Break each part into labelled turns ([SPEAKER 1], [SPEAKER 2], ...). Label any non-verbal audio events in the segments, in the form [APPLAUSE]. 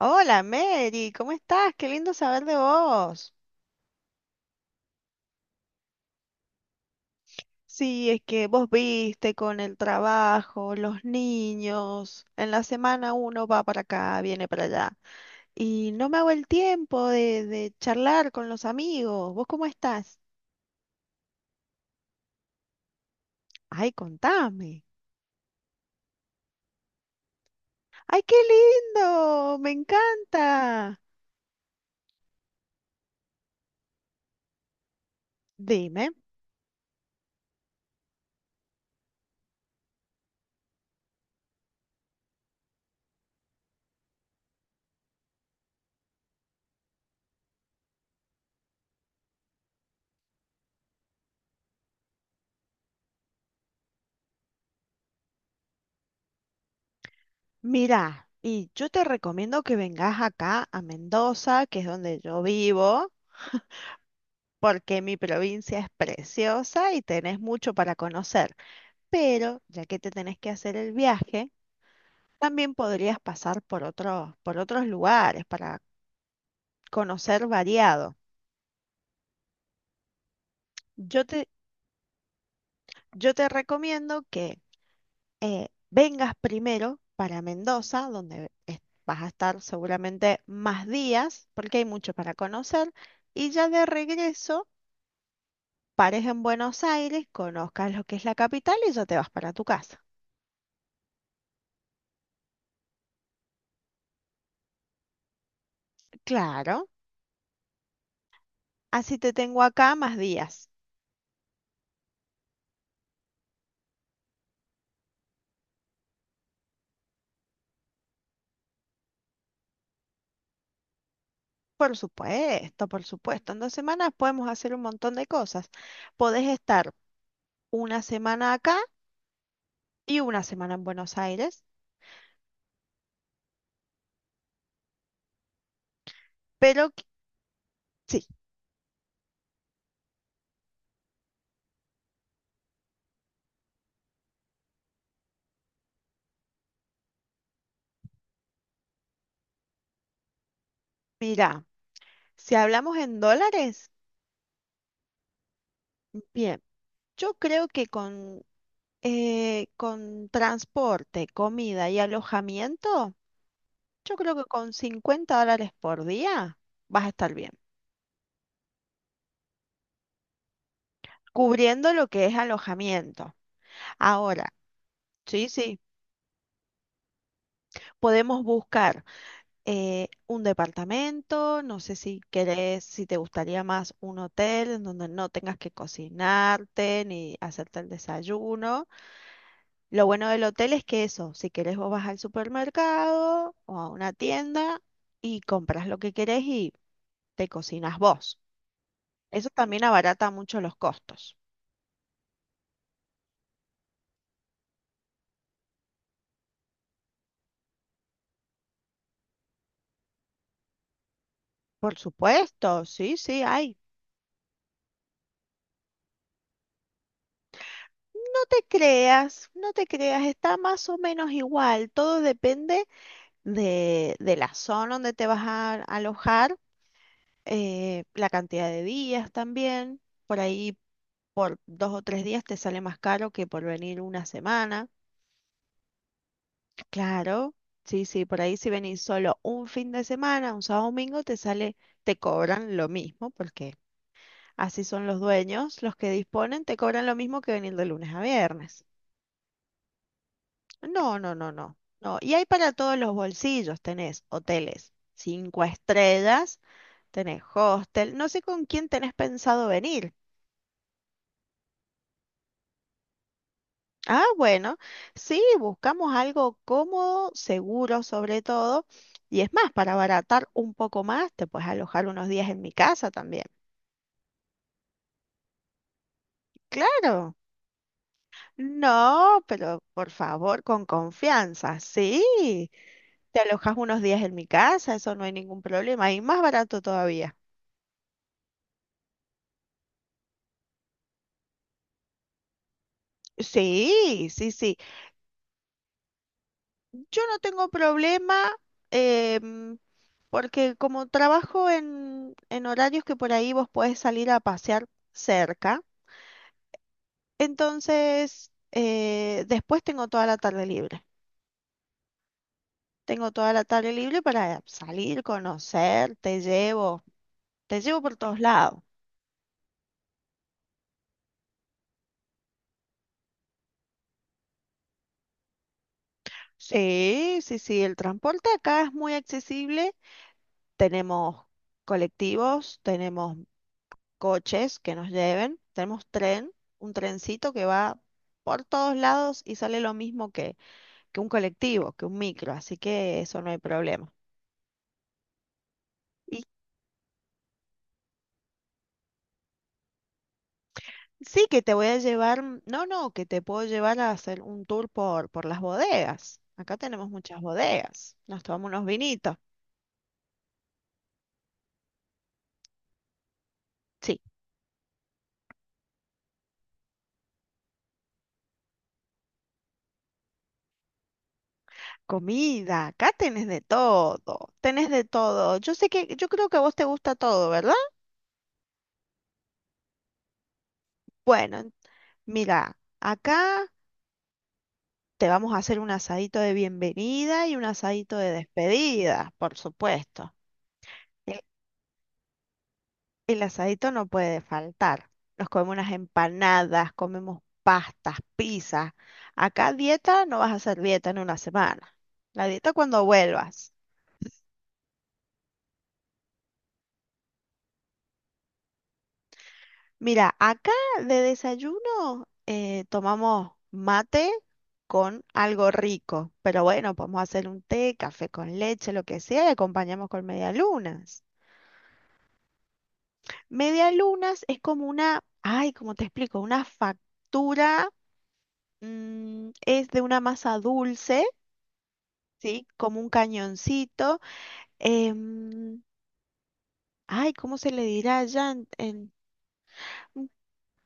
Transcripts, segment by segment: [SPEAKER 1] Hola Mary, ¿cómo estás? Qué lindo saber de vos. Sí, es que vos viste con el trabajo, los niños. En la semana uno va para acá, viene para allá. Y no me hago el tiempo de charlar con los amigos. ¿Vos cómo estás? Ay, contame. Ay, qué lindo, me encanta. Dime, mira, y yo te recomiendo que vengas acá a Mendoza, que es donde yo vivo. Porque mi provincia es preciosa y tenés mucho para conocer, pero ya que te tenés que hacer el viaje, también podrías pasar por otros lugares para conocer variado. Yo te, yo te recomiendo que vengas primero para Mendoza, vas a estar seguramente más días, porque hay mucho para conocer, y ya de regreso pares en Buenos Aires, conozcas lo que es la capital y ya te vas para tu casa. Claro. Así te tengo acá más días. Por supuesto, por supuesto. En 2 semanas podemos hacer un montón de cosas. Podés estar una semana acá y una semana en Buenos Aires, pero qu- sí, mira, si hablamos en dólares, bien, yo creo que con transporte, comida y alojamiento, yo creo que con $50 por día vas a estar bien, cubriendo lo que es alojamiento. Ahora, sí, sí, podemos buscar un departamento, no sé si querés, si te gustaría más un hotel en donde no tengas que cocinarte ni hacerte el desayuno. Lo bueno del hotel es que eso, si querés vos vas al supermercado o a una tienda y compras lo que querés y te cocinas vos. Eso también abarata mucho los costos. Por supuesto, sí, sí, hay. No te creas, no te creas, está más o menos igual, todo depende de la zona donde te vas a alojar, la cantidad de días también. Por ahí por 2 o 3 días te sale más caro que por venir una semana. Claro, sí, sí, por ahí si venís solo un fin de semana, un sábado domingo, te sale, te cobran lo mismo, porque así son los dueños, los que disponen, te cobran lo mismo que venir de lunes a viernes. No, no, no, no. No, y hay para todos los bolsillos, tenés hoteles cinco estrellas. Tenés hostel, no sé con quién tenés pensado venir. Ah, bueno, sí, buscamos algo cómodo, seguro sobre todo, y es más, para abaratar un poco más, te puedes alojar unos días en mi casa también. Claro, no, pero por favor, con confianza, sí, te alojas unos días en mi casa, eso no hay ningún problema, y más barato todavía. Sí, sí, sí. Yo no tengo problema em, porque como trabajo en horarios que por ahí vos podés salir a pasear cerca, entonces después tengo toda la tarde libre. Tengo toda la tarde libre para salir, conocer, te llevo por todos lados. Sí, sí, sí, el transporte acá es muy accesible. Tenemos colectivos, tenemos coches que nos lleven, tenemos tren, un trencito que va por todos lados y sale lo mismo que un colectivo, que un micro, así que eso no hay problema. Y sí que te voy a llevar, no, no, que te puedo llevar a hacer un tour por las bodegas. Acá tenemos muchas bodegas, nos tomamos unos vinitos. Sí, comida, acá tenés de todo, tenés de todo. Yo sé que, yo creo que a vos te gusta todo, ¿verdad? Bueno, mira, acá te vamos a hacer un asadito de bienvenida y un asadito de despedida, por supuesto. El, el asadito no puede faltar. Nos comemos unas empanadas, comemos pastas, pizzas. Acá dieta no vas a hacer dieta en una semana. La dieta cuando vuelvas. Mira, acá de desayuno tomamos mate con algo rico, pero bueno, podemos hacer un té, café con leche, lo que sea, y acompañamos con medialunas. Media lunas es como una, ay, ¿cómo te explico? Una factura, es de una masa dulce, ¿sí? Como un cañoncito. em, Ay, ¿cómo se le dirá allá? N-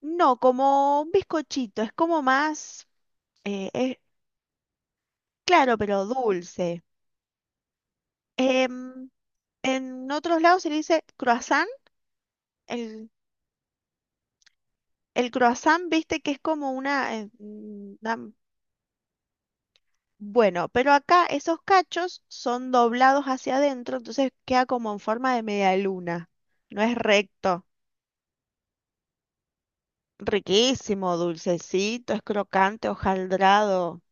[SPEAKER 1] no, como un bizcochito, es como más, eh, es, claro, pero dulce. Em, en otros lados se le dice croissant. El, el croissant, viste que es como una, bueno, pero acá esos cachos son doblados hacia adentro, entonces queda como en forma de media luna. No es recto. Riquísimo, dulcecito, es crocante, hojaldrado.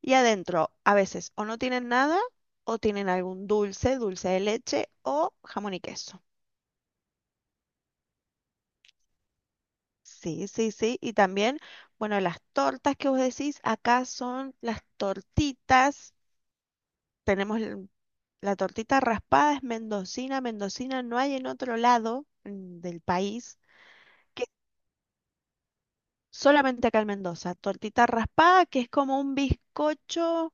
[SPEAKER 1] Y adentro, a veces o no tienen nada, o tienen algún dulce, dulce de leche o jamón y queso. Sí, sí, sí. Y también, bueno, las tortas que vos decís, acá son las tortitas. Tenemos l- La tortita raspada es mendocina. Mendocina no hay en otro lado del país, que solamente acá en Mendoza. Tortita raspada, que es como un bizcocho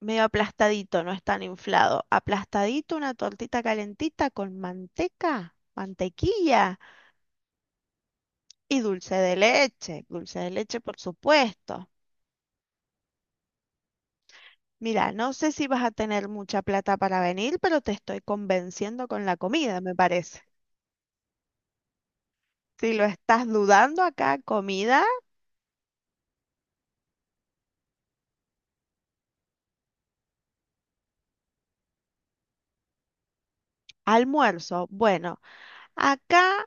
[SPEAKER 1] medio aplastadito, no es tan inflado. Aplastadito, una tortita calentita con manteca, mantequilla y dulce de leche. Dulce de leche, por supuesto. Mira, no sé si vas a tener mucha plata para venir, pero te estoy convenciendo con la comida, me parece. Si lo estás dudando acá, comida. Almuerzo. Bueno, acá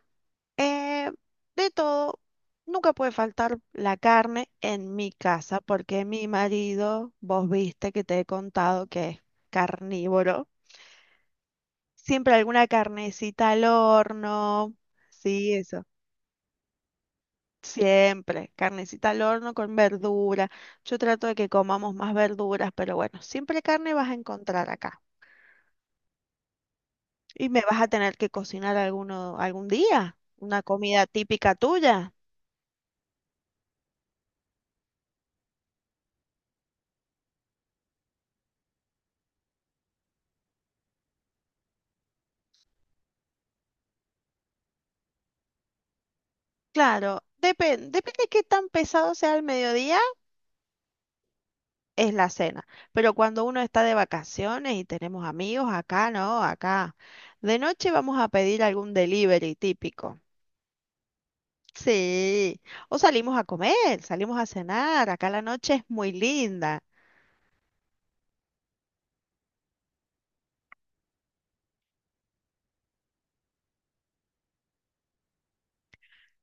[SPEAKER 1] eh, de todo, nunca puede faltar la carne en mi casa, porque mi marido, vos viste que te he contado que es carnívoro. Siempre alguna carnecita al horno. Sí, eso. Siempre. Carnecita al horno con verdura. Yo trato de que comamos más verduras, pero bueno, siempre carne vas a encontrar acá. Y me vas a tener que cocinar alguno, algún día, una comida típica tuya. Claro, depende de qué tan pesado sea el mediodía, es la cena. Pero cuando uno está de vacaciones y tenemos amigos, acá no, acá. De noche vamos a pedir algún delivery típico. Sí, o salimos a comer, salimos a cenar. Acá la noche es muy linda.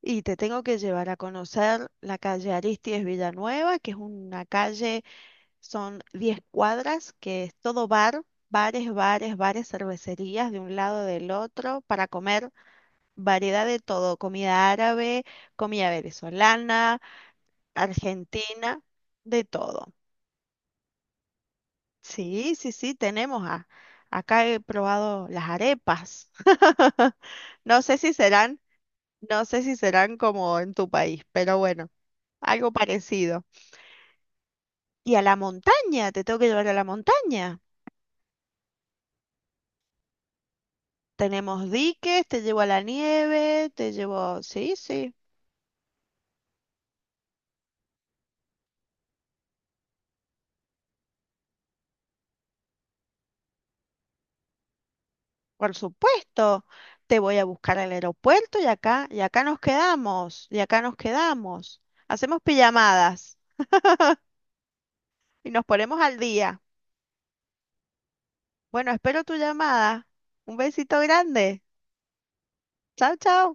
[SPEAKER 1] Y te tengo que llevar a conocer la calle Aristides Villanueva, que es una calle, son 10 cuadras, que es todo bar, bares, bares, bares, cervecerías de un lado del otro para comer variedad de todo, comida árabe, comida venezolana, argentina, de todo. Sí, sí, sí, acá he probado las arepas. [LAUGHS] No sé si serán, no sé si serán como en tu país, pero bueno, algo parecido. Y a la montaña, te tengo que llevar a la montaña. Tenemos diques, te llevo a la nieve, te llevo, sí, sí. Por supuesto, te voy a buscar al aeropuerto y acá nos quedamos, y acá nos quedamos. Hacemos pijamadas y nos ponemos al día. Bueno, espero tu llamada. Un besito grande. Chao, chao.